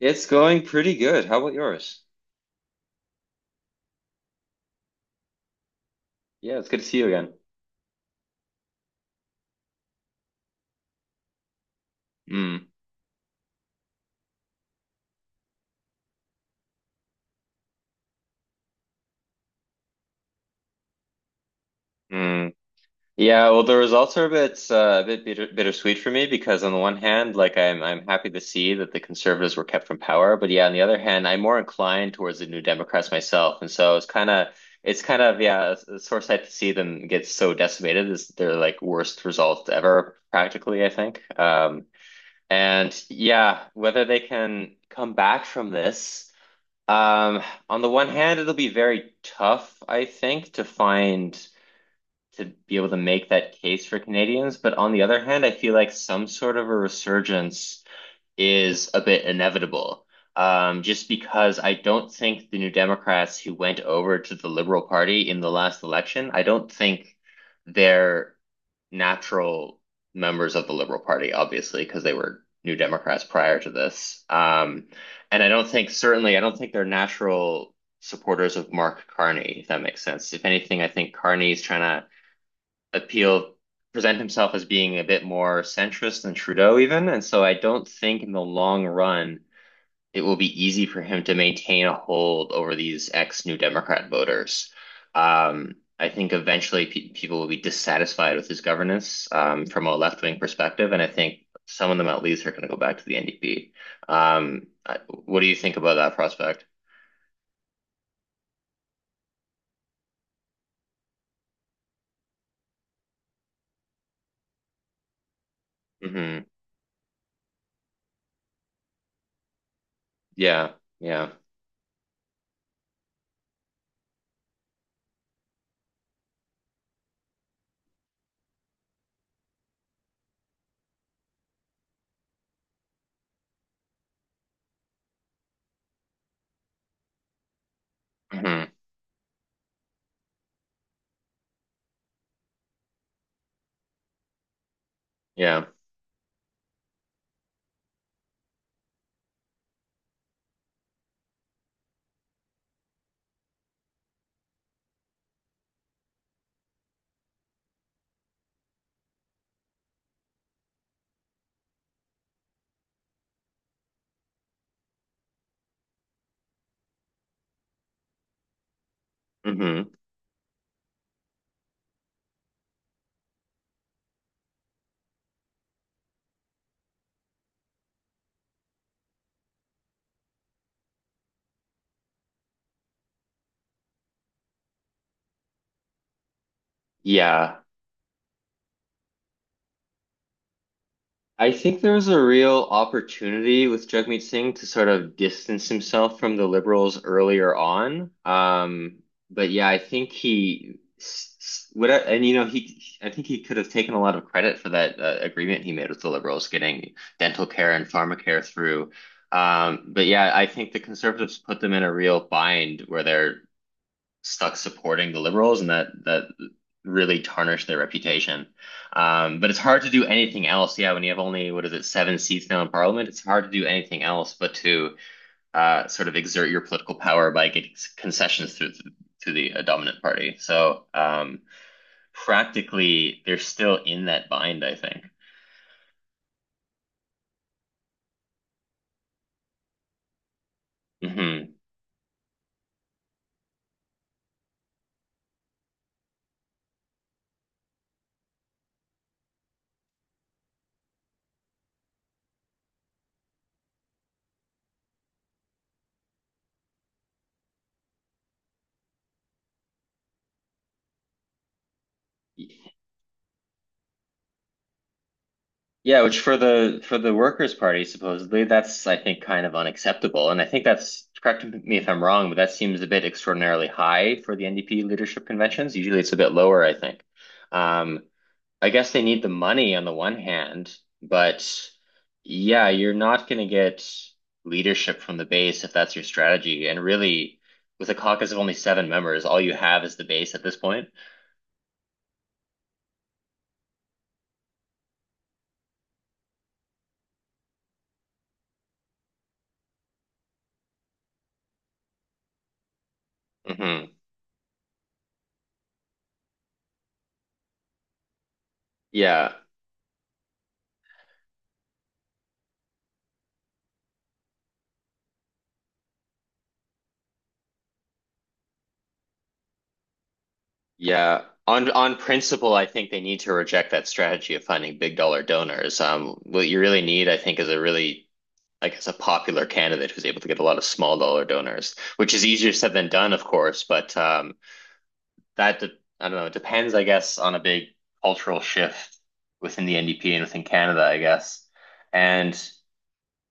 It's going pretty good. How about yours? Yeah, it's good to see you again. Mm, mm. Yeah, well, the results are a bit, bittersweet for me because on the one hand, like I'm happy to see that the Conservatives were kept from power, but yeah, on the other hand, I'm more inclined towards the New Democrats myself, and so yeah, it's sore sight to see them get so decimated. It's their like worst result ever, practically, I think. And yeah, whether they can come back from this. Um, on the one hand, it'll be very tough, I think, to be able to make that case for Canadians. But on the other hand, I feel like some sort of a resurgence is a bit inevitable. Just because I don't think the New Democrats who went over to the Liberal Party in the last election, I don't think they're natural members of the Liberal Party, obviously, because they were New Democrats prior to this. And I don't think, certainly, I don't think they're natural supporters of Mark Carney, if that makes sense. If anything, I think Carney's trying to appeal, present himself as being a bit more centrist than Trudeau, even. And so I don't think in the long run, it will be easy for him to maintain a hold over these ex-New Democrat voters. I think eventually pe people will be dissatisfied with his governance, from a left-wing perspective, and I think some of them at least are going to go back to the NDP. Um, I, what do you think about that prospect? Hmm. Yeah, yeah. Hmm. Yeah. Hmm. Yeah. I think there was a real opportunity with Jagmeet Singh to sort of distance himself from the liberals earlier on. But yeah, I think he s- s- what and you know he I think he could have taken a lot of credit for that agreement he made with the liberals, getting dental care and pharmacare through. But yeah, I think the conservatives put them in a real bind where they're stuck supporting the liberals, and that really tarnished their reputation. But it's hard to do anything else. Yeah, when you have only, what is it, seven seats now in parliament, it's hard to do anything else but to sort of exert your political power by getting concessions through to the dominant party. So, practically, they're still in that bind, I think. Mm-hmm. Yeah, which for the Workers' Party, supposedly, that's, I think, kind of unacceptable. And I think that's, correct me if I'm wrong, but that seems a bit extraordinarily high for the NDP leadership conventions. Usually it's a bit lower, I think. Um, I guess they need the money on the one hand, but yeah, you're not going to get leadership from the base if that's your strategy. And really, with a caucus of only seven members, all you have is the base at this point. Hmm. Yeah. Yeah, on principle, I think they need to reject that strategy of finding big dollar donors. What you really need, I think, is a really, I guess, a popular candidate who's able to get a lot of small dollar donors, which is easier said than done, of course. That de- I don't know, it depends, I guess, on a big cultural shift within the NDP and within Canada, I guess. And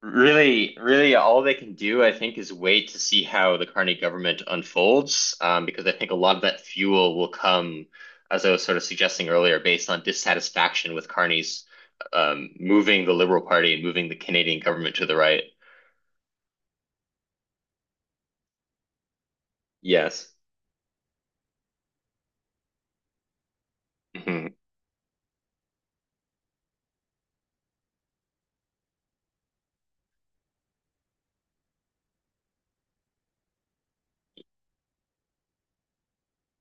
really, really, all they can do, I think, is wait to see how the Carney government unfolds, because I think a lot of that fuel will come, as I was sort of suggesting earlier, based on dissatisfaction with Carney's, moving the Liberal Party and moving the Canadian government to the right. Yes. Mhm.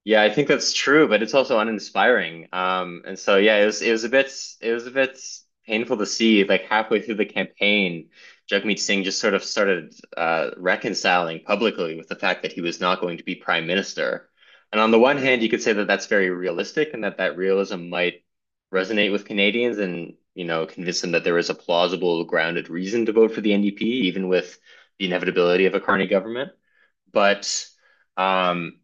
Yeah, I think that's true, but it's also uninspiring. And so yeah, it was a bit it was a bit painful to see. Like halfway through the campaign, Jagmeet Singh just sort of started reconciling publicly with the fact that he was not going to be prime minister. And on the one hand, you could say that that's very realistic, and that that realism might resonate with Canadians and, you know, convince them that there is a plausible, grounded reason to vote for the NDP, even with the inevitability of a Carney government. But um,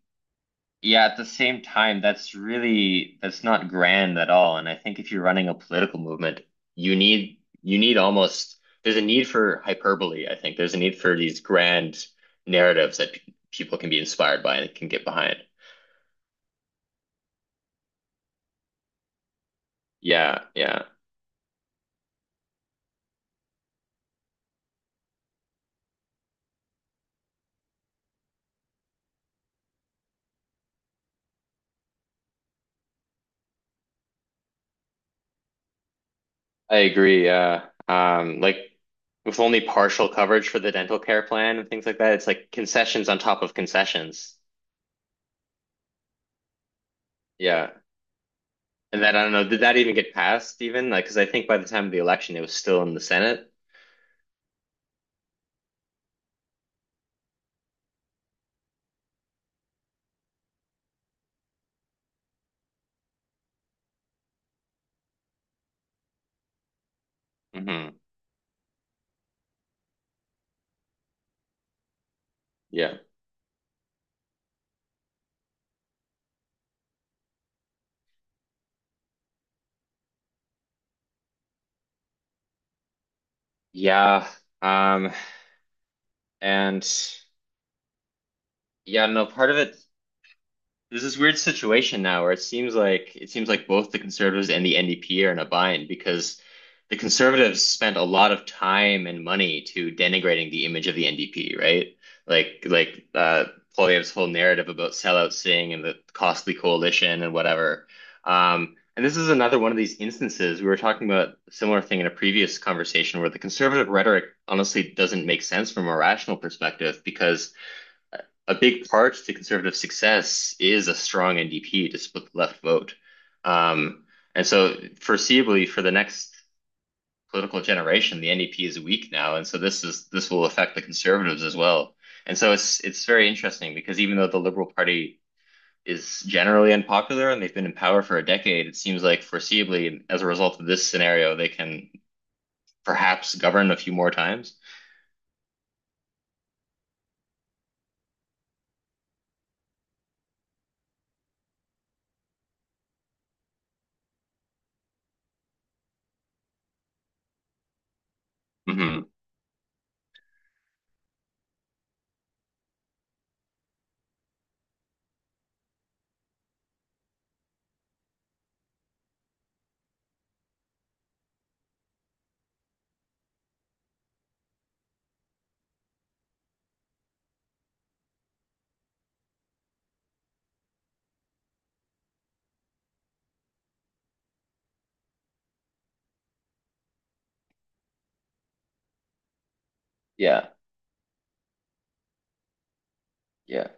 yeah, at the same time, that's really, that's not grand at all. And I think if you're running a political movement, you need almost there's a need for hyperbole, I think. There's a need for these grand narratives that people can be inspired by and can get behind. Yeah, yeah. I agree. Yeah. Like with only partial coverage for the dental care plan and things like that, it's like concessions on top of concessions. Yeah. And that, I don't know, did that even get passed even? Like, because I think by the time of the election, it was still in the Senate. Hmm. Yeah. Yeah. Um, and yeah, no, part of it there's this weird situation now where it seems like both the Conservatives and the NDP are in a bind because the Conservatives spent a lot of time and money to denigrating the image of the NDP, right? Like like uh, Poilievre's whole narrative about sellout Singh and the costly coalition and whatever. And this is another one of these instances, we were talking about a similar thing in a previous conversation, where the conservative rhetoric honestly doesn't make sense from a rational perspective because a big part to conservative success is a strong NDP to split the left vote. Um, and so foreseeably for the next political generation, the NDP is weak now. And so this will affect the conservatives as well. And so it's very interesting because even though the Liberal Party is generally unpopular and they've been in power for a decade, it seems like, foreseeably as a result of this scenario, they can perhaps govern a few more times. Hmm. Yeah, yeah.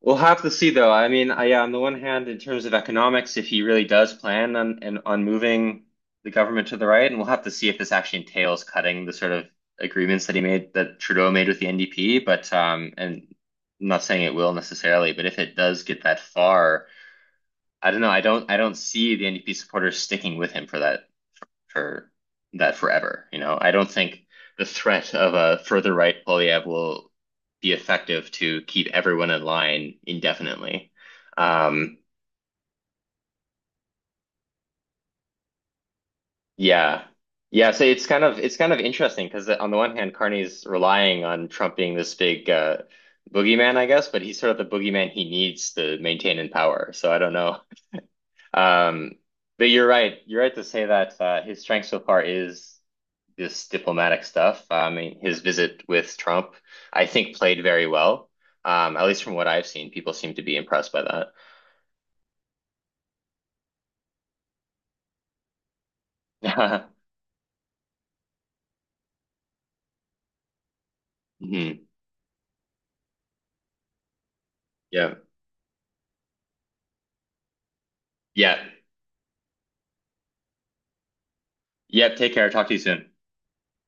We'll have to see though. I mean, yeah, on the one hand, in terms of economics, if he really does plan on moving the government to the right, and we'll have to see if this actually entails cutting the sort of agreements that he made, that Trudeau made with the NDP. But And I'm not saying it will necessarily, but if it does get that far, I don't know. I don't see the NDP supporters sticking with him for that, for that forever. You know, I don't think the threat of a further right Polyev will be effective to keep everyone in line indefinitely. Um, yeah. Yeah, so it's kind of interesting because on the one hand, Carney's relying on Trump being this big boogeyman, I guess, but he's sort of the boogeyman he needs to maintain in power. So I don't know. Um, but you're right. You're right to say that his strength so far is this diplomatic stuff. I mean, his visit with Trump, I think, played very well. At least from what I've seen, people seem to be impressed by that. Mhm. Yeah. Yeah. Yep. Take care. Talk to you soon.